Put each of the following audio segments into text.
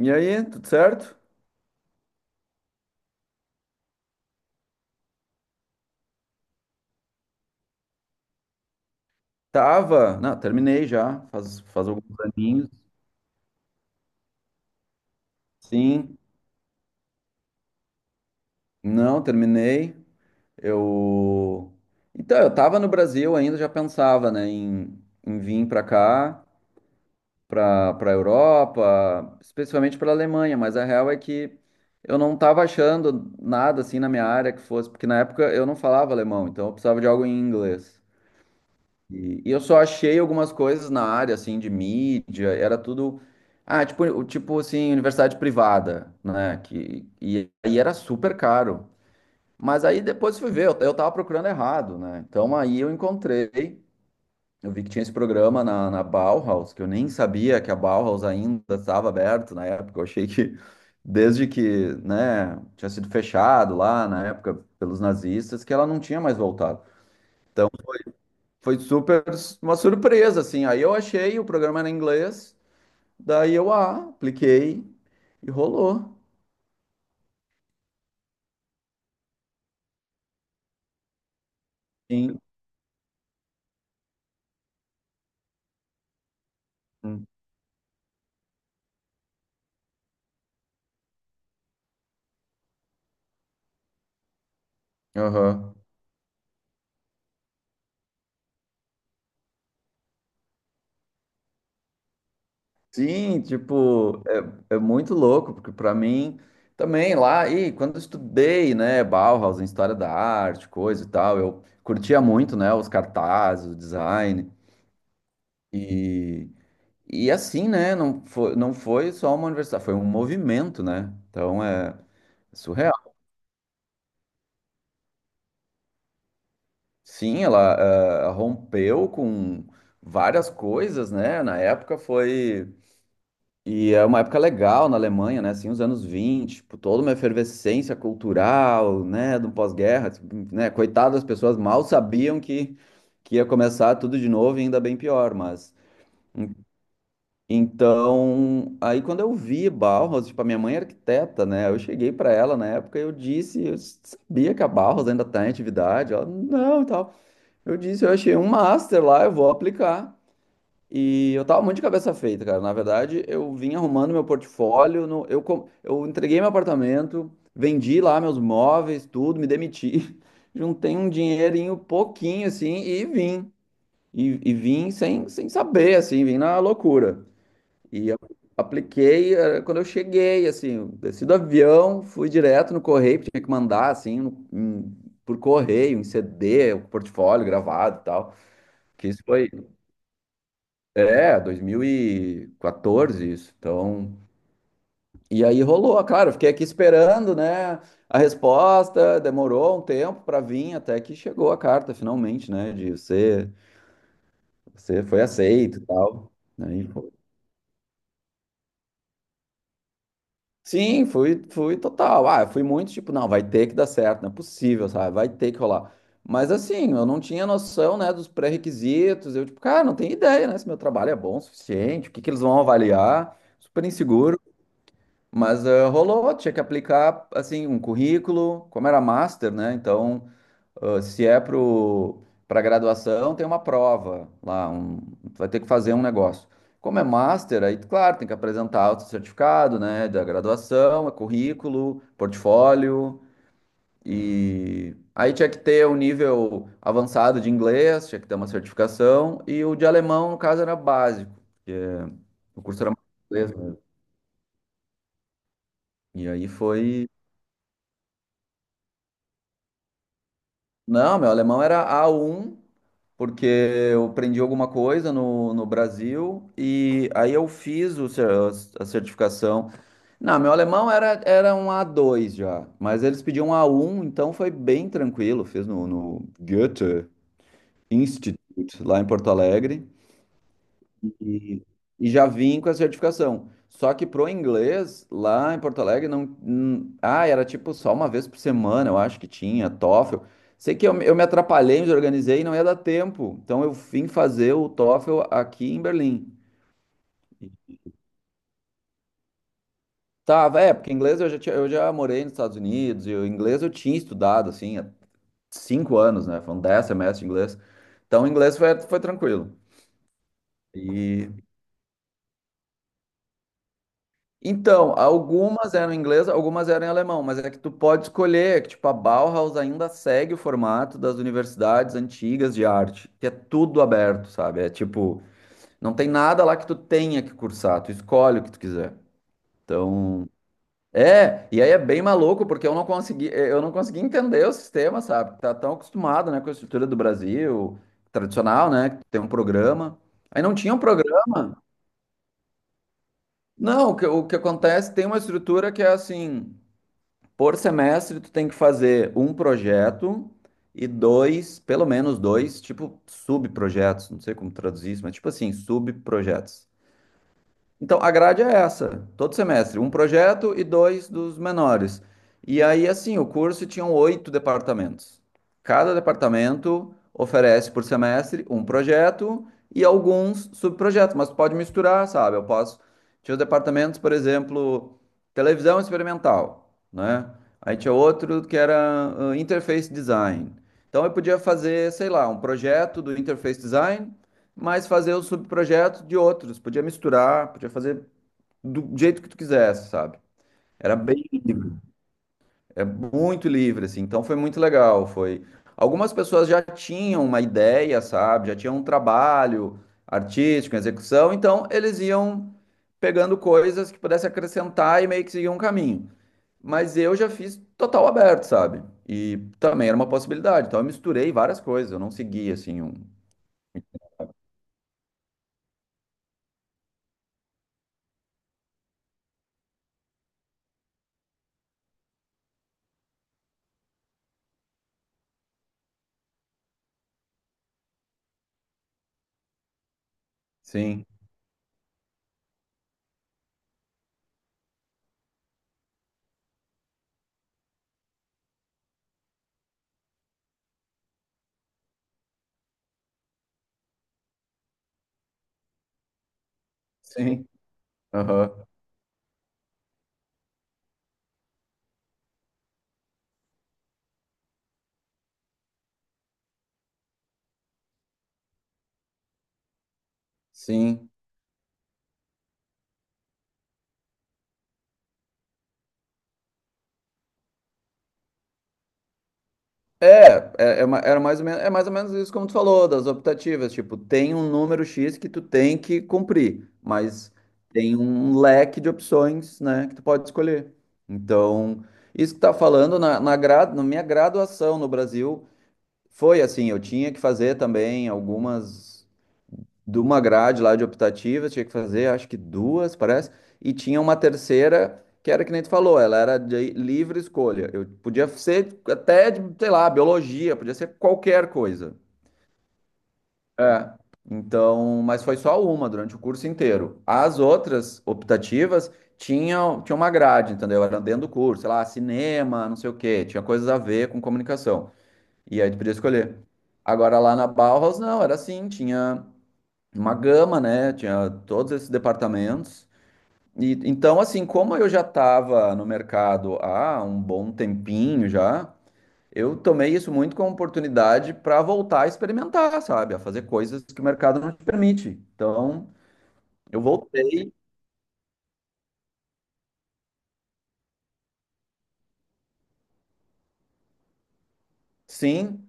E aí, tudo certo? Tava. Não, terminei já, faz alguns aninhos. Sim, não, terminei. Eu. Então, eu tava no Brasil ainda, já pensava, né, em vir pra cá, pra Europa, especialmente pela Alemanha, mas a real é que eu não tava achando nada assim na minha área que fosse, porque na época eu não falava alemão, então eu precisava de algo em inglês. E eu só achei algumas coisas na área, assim, de mídia, era tudo. Ah, tipo, tipo assim, universidade privada, né? E aí era super caro. Mas aí depois fui ver, eu tava procurando errado, né? Então aí eu vi que tinha esse programa na Bauhaus, que eu nem sabia que a Bauhaus ainda estava aberto na época. Eu achei que desde que, né, tinha sido fechado lá na época pelos nazistas, que ela não tinha mais voltado. Então, foi super uma surpresa, assim. Aí eu achei, o programa era em inglês, daí eu apliquei e rolou. Sim. Aham. Sim, tipo, é muito louco, porque para mim também lá, e quando eu estudei, né, Bauhaus em história da arte, coisa e tal, eu curtia muito, né, os cartazes, o design e e assim, né, não foi só uma universidade, foi um movimento, né? Então é surreal. Sim, ela rompeu com várias coisas, né? Na época foi. E é uma época legal na Alemanha, né? Assim, os anos 20, tipo, toda uma efervescência cultural, né? Do pós-guerra, tipo, né? Coitado, as pessoas mal sabiam que ia começar tudo de novo e ainda bem pior, mas. en- Então, aí quando eu vi Bauhaus, tipo, a minha mãe é arquiteta, né? Eu cheguei para ela na época e eu disse, eu sabia que a Bauhaus ainda tá em atividade. Ela, não, e tal. Eu disse, eu achei um master lá, eu vou aplicar. E eu tava muito de cabeça feita, cara. Na verdade, eu vim arrumando meu portfólio, eu entreguei meu apartamento, vendi lá meus móveis, tudo, me demiti, juntei um dinheirinho pouquinho, assim, e vim. E vim sem saber, assim, vim na loucura. E eu apliquei, quando eu cheguei, assim, eu desci do avião, fui direto no correio, porque tinha que mandar, assim, por correio, em CD, o portfólio gravado e tal. Que isso foi, é, 2014, isso. Então, e aí rolou, claro, eu fiquei aqui esperando, né, a resposta, demorou um tempo para vir, até que chegou a carta, finalmente, né, de você foi aceito e tal. Aí foi. Sim, fui total. Ah, eu fui muito tipo, não, vai ter que dar certo, não é possível, sabe, vai ter que rolar. Mas assim, eu não tinha noção, né, dos pré-requisitos, eu tipo, cara, não tenho ideia, né, se meu trabalho é bom o suficiente, o que que eles vão avaliar, super inseguro. Mas rolou, tinha que aplicar assim um currículo, como era master, né? Então, se é pro para graduação, tem uma prova lá, tu vai ter que fazer um negócio. Como é master, aí claro, tem que apresentar o certificado, né, da graduação, é currículo, portfólio e aí tinha que ter um nível avançado de inglês, tinha que ter uma certificação e o de alemão, no caso, era básico, porque o curso era mais inglês mesmo. E aí foi. Não, meu alemão era A1 alguma coisa no Brasil e aí eu fiz a certificação. Não, meu alemão era um A2, mas eles pediam A1 foi bem tranquilo. Fiz no Goethe Institute, lá em Porto Alegre e já vim com a certificação. Só que pro inglês, lá em Porto Alegre, não. Ah, era tipo só uma vez por semana, eu acho que tinha, TOEFL. Sei que eu me atrapalhei, me organizei e não ia dar tempo. Então eu vim fazer o TOEFL aqui em Berlim. Tava, é, porque inglês eu já morei nos Estados Unidos e o inglês eu tinha estudado, assim, há 5 anos, né? Foram 10 semestres de inglês. Então o inglês foi tranquilo. E Então, algumas eram em inglês, algumas eram em alemão, mas é que tu pode escolher, é que tipo, a Bauhaus ainda segue o formato das universidades antigas de arte, que é tudo aberto, sabe? É tipo, não tem nada lá que tu tenha que cursar, tu escolhe o que tu quiser. Então, e aí é bem maluco, porque eu não consegui entender o sistema, sabe? Tá tão acostumado, né, com a estrutura do Brasil, tradicional, né, que tem um programa. Aí não tinha um programa. Não, o que acontece, tem uma estrutura que é assim, por semestre, tu tem que fazer um projeto e dois, pelo menos dois, tipo subprojetos, não sei como traduzir isso, mas tipo assim, subprojetos. Então, a grade é essa, todo semestre, um projeto e dois dos menores. E aí, assim, o curso tinha oito departamentos. Cada departamento oferece por semestre um projeto e alguns subprojetos, mas pode misturar, sabe? Eu posso. Tinha os departamentos, por exemplo, televisão experimental, né? Aí tinha outro que era interface design. Então, eu podia fazer, sei lá, um projeto do interface design mas fazer os subprojetos de outros. Podia misturar, podia fazer do jeito que tu quisesse, sabe? Era bem livre, é muito livre, assim. Então foi muito legal. Foi. Algumas pessoas já tinham uma ideia, sabe? Já tinham um trabalho artístico, em execução, então eles iam pegando coisas que pudesse acrescentar e meio que seguir um caminho. Mas eu já fiz total aberto, sabe? E também era uma possibilidade. Então eu misturei várias coisas, eu não segui assim um. Sim, sim, aham, sim. É, era mais ou menos, é mais ou menos isso como tu falou, das optativas, tipo, tem um número X que tu tem que cumprir, mas tem um leque de opções, né, que tu pode escolher. Então, isso que tá falando na minha graduação no Brasil, foi assim, eu tinha que fazer também algumas de uma grade lá de optativas, tinha que fazer, acho que duas, parece, e tinha uma terceira que era que nem tu falou, ela era de livre escolha. Eu podia ser até, de, sei lá, biologia, podia ser qualquer coisa. É. Então, mas foi só uma durante o curso inteiro. As outras optativas tinham uma grade, entendeu? Era dentro do curso, sei lá, cinema, não sei o quê, tinha coisas a ver com comunicação. E aí tu podia escolher. Agora lá na Bauhaus, não, era assim, tinha uma gama, né? Tinha todos esses departamentos. E então, assim, como eu já estava no mercado há um bom tempinho já, eu tomei isso muito como oportunidade para voltar a experimentar, sabe? A fazer coisas que o mercado não te permite. Então, eu voltei, sim.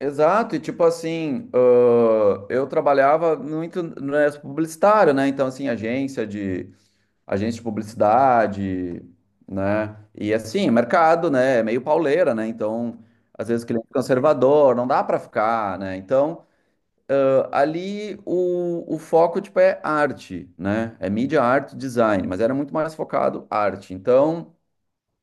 Exato, e tipo assim, eu trabalhava muito no publicitário, né? Então, assim, agência de publicidade, né? E assim, mercado, né? É meio pauleira, né? Então, às vezes, cliente é conservador, não dá para ficar, né? Então, ali o, foco, tipo, é arte, né? É mídia, arte, design, mas era muito mais focado arte. Então,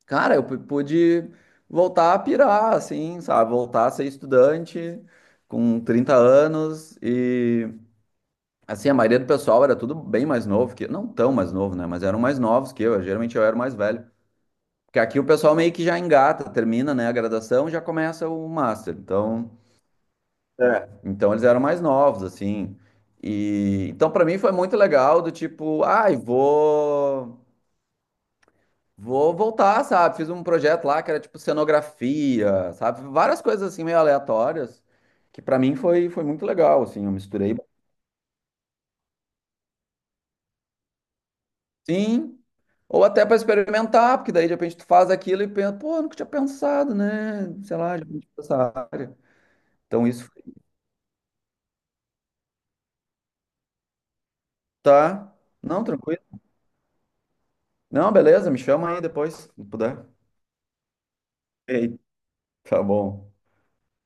cara, eu pude voltar a pirar, assim, sabe? Voltar a ser estudante com 30 anos e... Assim, a maioria do pessoal era tudo bem mais novo que eu, não tão mais novo, né? Mas eram mais novos que eu. Geralmente eu era o mais velho. Porque aqui o pessoal meio que já engata, termina, né, a graduação e já começa o master. Então, é. Então eles eram mais novos, assim. E então para mim foi muito legal do tipo, ai, vou voltar, sabe? Fiz um projeto lá que era tipo cenografia, sabe? Várias coisas assim meio aleatórias, que para mim foi muito legal, assim, eu misturei. Sim. Ou até para experimentar, porque daí de repente tu faz aquilo e pensa, pô, nunca tinha pensado, né? Sei lá, já tinha pensado. Então isso. Tá. Não, tranquilo. Não, beleza, me chama aí depois, se puder. Ei, tá bom.